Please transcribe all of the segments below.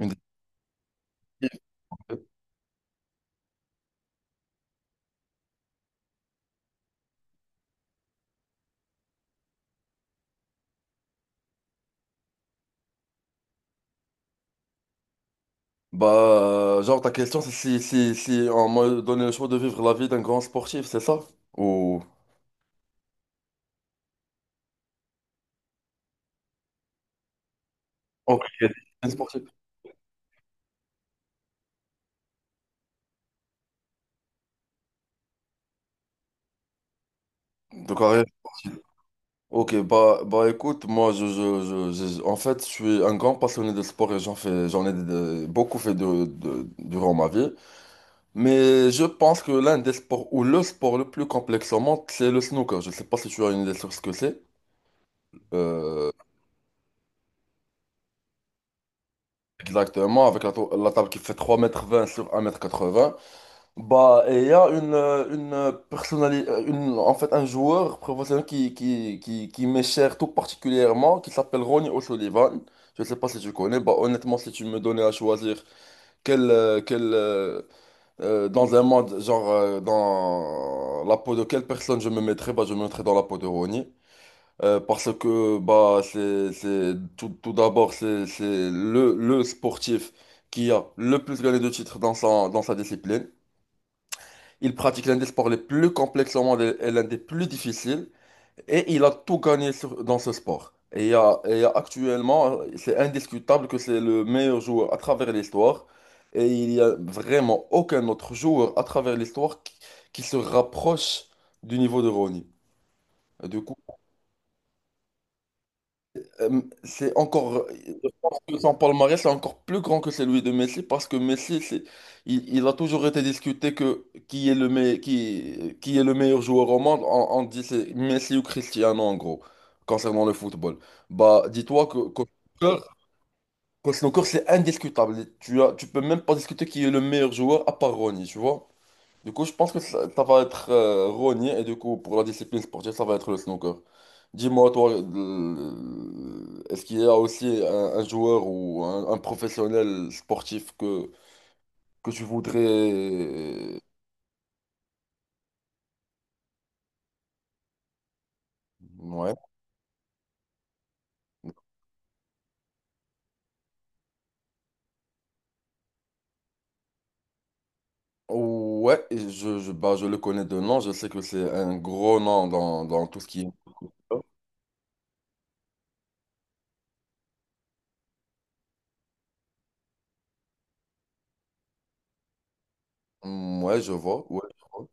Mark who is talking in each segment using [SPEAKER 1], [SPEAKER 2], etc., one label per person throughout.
[SPEAKER 1] Une définitive. Bah, genre, ta question, c'est si on m'a donné le choix de vivre la vie d'un grand sportif, c'est ça? Ou. Ok, un sportif. De carrière sportive. Ok, bah écoute, moi, je, en fait, je suis un grand passionné de sport et j'en ai beaucoup fait de durant ma vie. Mais je pense que l'un des sports, ou le sport le plus complexe au monde, c'est le snooker. Je sais pas si tu as une idée sur ce que c'est. Euh, Exactement, avec la table qui fait trois mètres vingt sur un mètre quatre 80. Bah, il y a une personnalité, en fait, un joueur professionnel qui m'est cher tout particulièrement, qui s'appelle Ronnie O'Sullivan. Je ne sais pas si tu connais. Bah, honnêtement, si tu me donnais à choisir quel, euh, quel, euh, dans un monde, genre, dans la peau de quelle personne je me mettrais, bah, je me mettrais dans la peau de Ronnie. Parce que, bah, tout d'abord, c'est le sportif qui a le plus gagné de titres dans sa discipline. Il pratique l'un des sports les plus complexes au monde et l'un des plus difficiles. Et il a tout gagné dans ce sport. Et il y a actuellement, c'est indiscutable que c'est le meilleur joueur à travers l'histoire. Et il n'y a vraiment aucun autre joueur à travers l'histoire qui se rapproche du niveau de Ronnie. Du coup, c'est encore, je pense que son palmarès est encore plus grand que celui de Messi parce que Messi, il a toujours été discuté que qui est le meilleur, qui est le meilleur joueur au monde. On dit c'est Messi ou Cristiano en gros, concernant le football. Bah, dis-toi snooker, qu'au snooker, c'est indiscutable. Tu peux même pas discuter qui est le meilleur joueur à part Ronnie, tu vois. Du coup, je pense que ça va être Ronnie et du coup, pour la discipline sportive, ça va être le snooker. Dis-moi, toi, est-ce qu'il y a aussi un joueur ou un professionnel sportif que tu voudrais... Ouais. Ouais, et bah, je le connais de nom, je sais que c'est un gros nom dans, tout ce qui est... Mm, ouais, je vois, ouais, je vois.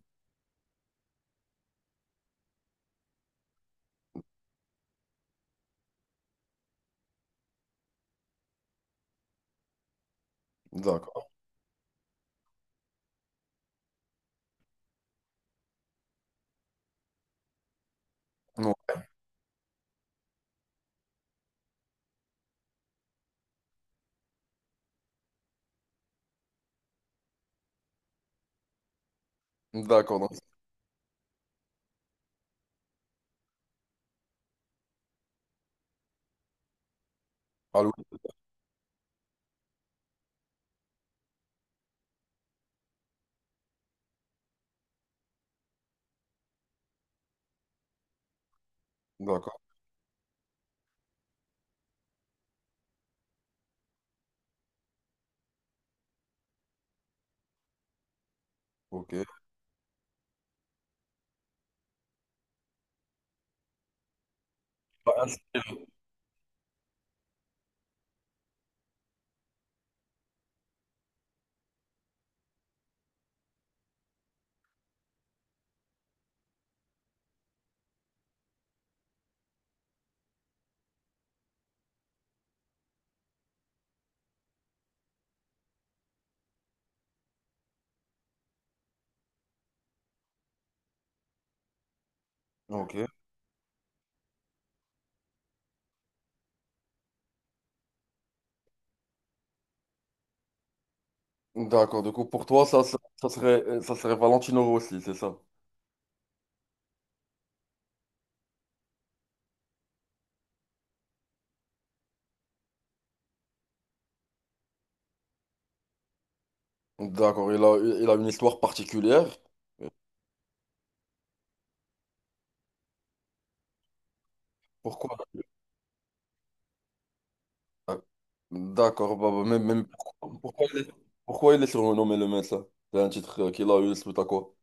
[SPEAKER 1] D'accord. Non. D'accord, donc... Allô? D'accord, ok. Bah, inspiré. Ok. D'accord, du coup, pour toi, ça serait Valentino Rossi, c'est ça? D'accord, il a une histoire particulière. Pourquoi? euh, D'accord, bah, même pourquoi il est surnommé le médecin? C'est un titre qu'il a eu suite à quoi?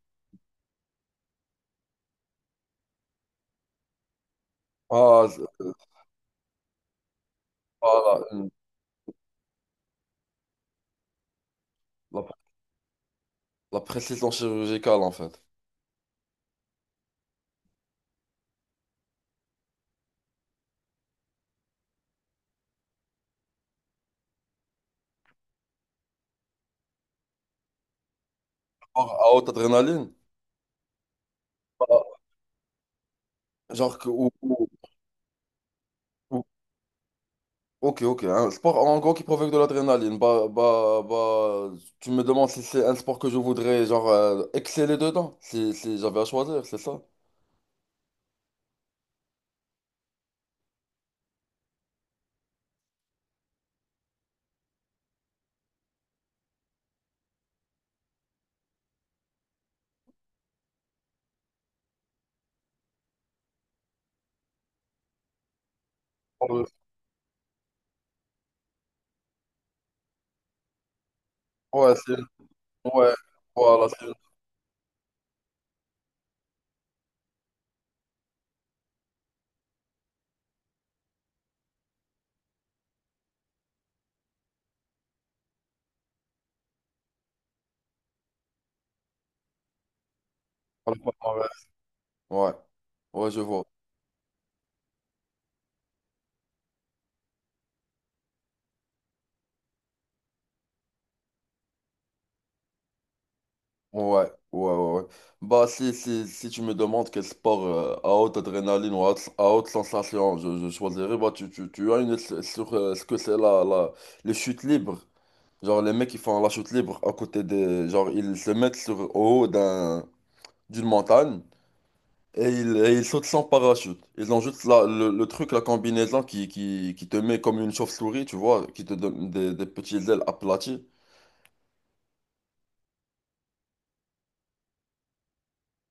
[SPEAKER 1] Ah, ah, la, la- la précision chirurgicale en fait. Sport à haute adrénaline? Bah, genre ou- ok, ok. Un sport en gros qui provoque de l'adrénaline. Bah, tu me demandes si c'est un sport que je voudrais genre exceller dedans, si j'avais à choisir, c'est ça? Ouais, ouais, c'est ouais, voilà, voilà, pas mal. Ouais, ouais, je vois. Ouais, ouais, ouais, ouais. Bah, si tu me demandes quel sport à haute adrénaline ou à haute sensation je choisirais, bah, tu as une idée sur ce que c'est les chutes libres. Genre, les mecs qui font la chute libre à côté des. Genre, ils se mettent au haut d'une montagne et ils sautent sans parachute. Ils ont juste le truc, la combinaison qui te met comme une chauve-souris, tu vois, qui te donne des petits ailes aplaties.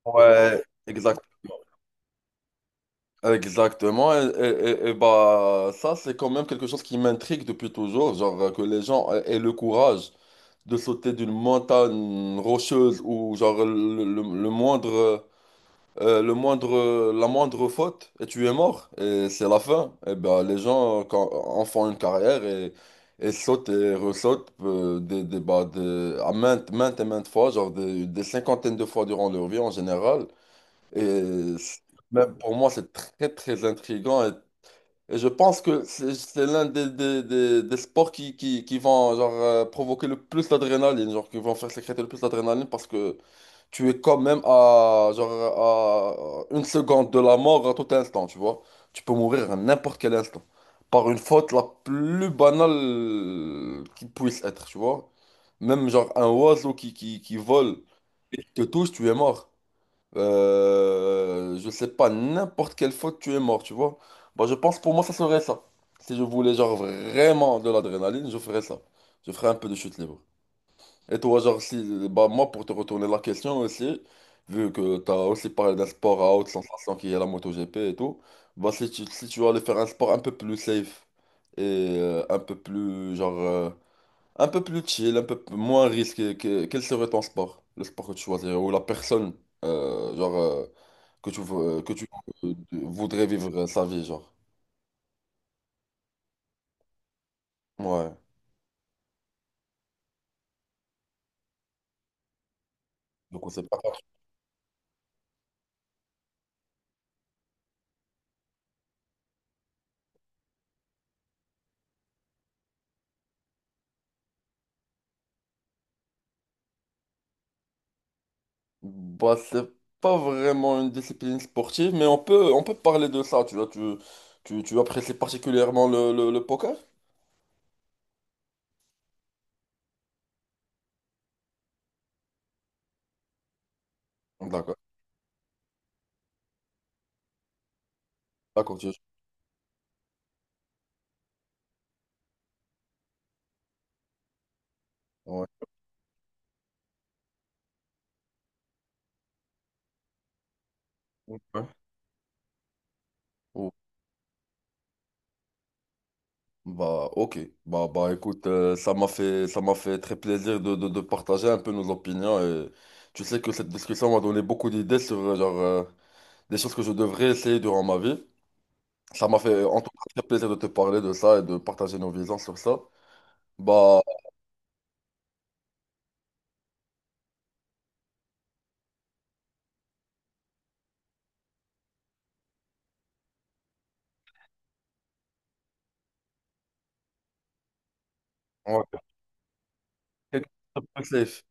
[SPEAKER 1] Ouais, exact. Exactement, bah ça c'est quand même quelque chose qui m'intrigue depuis toujours, genre que les gens aient le courage de sauter d'une montagne rocheuse ou genre le moindre euh, le moindre la moindre faute et tu es mort et c'est la fin. Et bah les gens en font une carrière et sautent et ressautent à maintes et maintes fois, genre des cinquantaines de fois durant leur vie en général. Et c'est- Même pour moi, c'est très, très intriguant. Et je pense que c'est l'un des sports qui vont genre, provoquer le plus d'adrénaline, genre qui vont faire sécréter le plus d'adrénaline parce que tu es quand même genre, à une seconde de la mort à tout instant, tu vois. Tu peux mourir à n'importe quel instant par une faute la plus banale qui puisse être, tu vois. Même genre un oiseau qui vole, te touche, tu es mort. Je sais pas, n'importe quelle faute, tu es mort, tu vois. Bah, je pense pour moi, ça serait ça. Si je voulais, genre, vraiment de l'adrénaline, je ferais ça. Je ferais un peu de chute libre. Et toi, genre, si, bah, moi, pour te retourner la question aussi, vu que t'as aussi parlé d'un sport à haute sensation qui est la MotoGP et tout, bah, si tu allais faire un sport un peu plus safe et un peu un peu plus chill, un peu moins risqué. Quel serait ton sport? Le sport que tu choisirais ou la personne genre, que tu, vou- que tu voudrais vivre sa vie, genre. Ouais. Donc on sait pas. Bah, c'est pas vraiment une discipline sportive, mais on peut parler de ça. Tu vois, tu apprécies particulièrement le poker? D'accord. D'accord, tu... Ouais. Ouais. Bah, ok. Bah, écoute, ça m'a fait très plaisir de partager un peu nos opinions. Et tu sais que cette discussion m'a donné beaucoup d'idées sur genre, des choses que je devrais essayer durant ma vie. Ça m'a fait en tout cas très plaisir de te parler de ça et de partager nos visions sur ça. Bah, ouais, quelque chose de plus safe.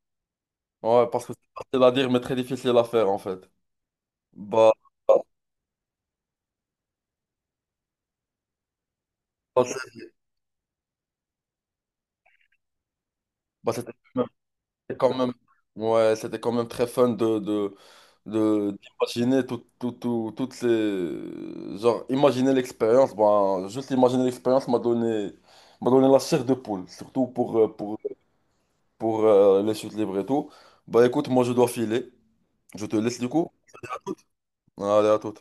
[SPEAKER 1] Ouais, parce que c'est facile à dire, mais très difficile à faire en fait. Bah, bah, bah, bah, c'était quand même, ouais, c'était quand même très fun d'imaginer toutes les... Genre, imaginer l'expérience, ben, juste imaginer l'expérience m'a donné la chair de poule, surtout pour les chutes libres et tout. Bah écoute, moi je dois filer, je te laisse du coup. Allez, à tout.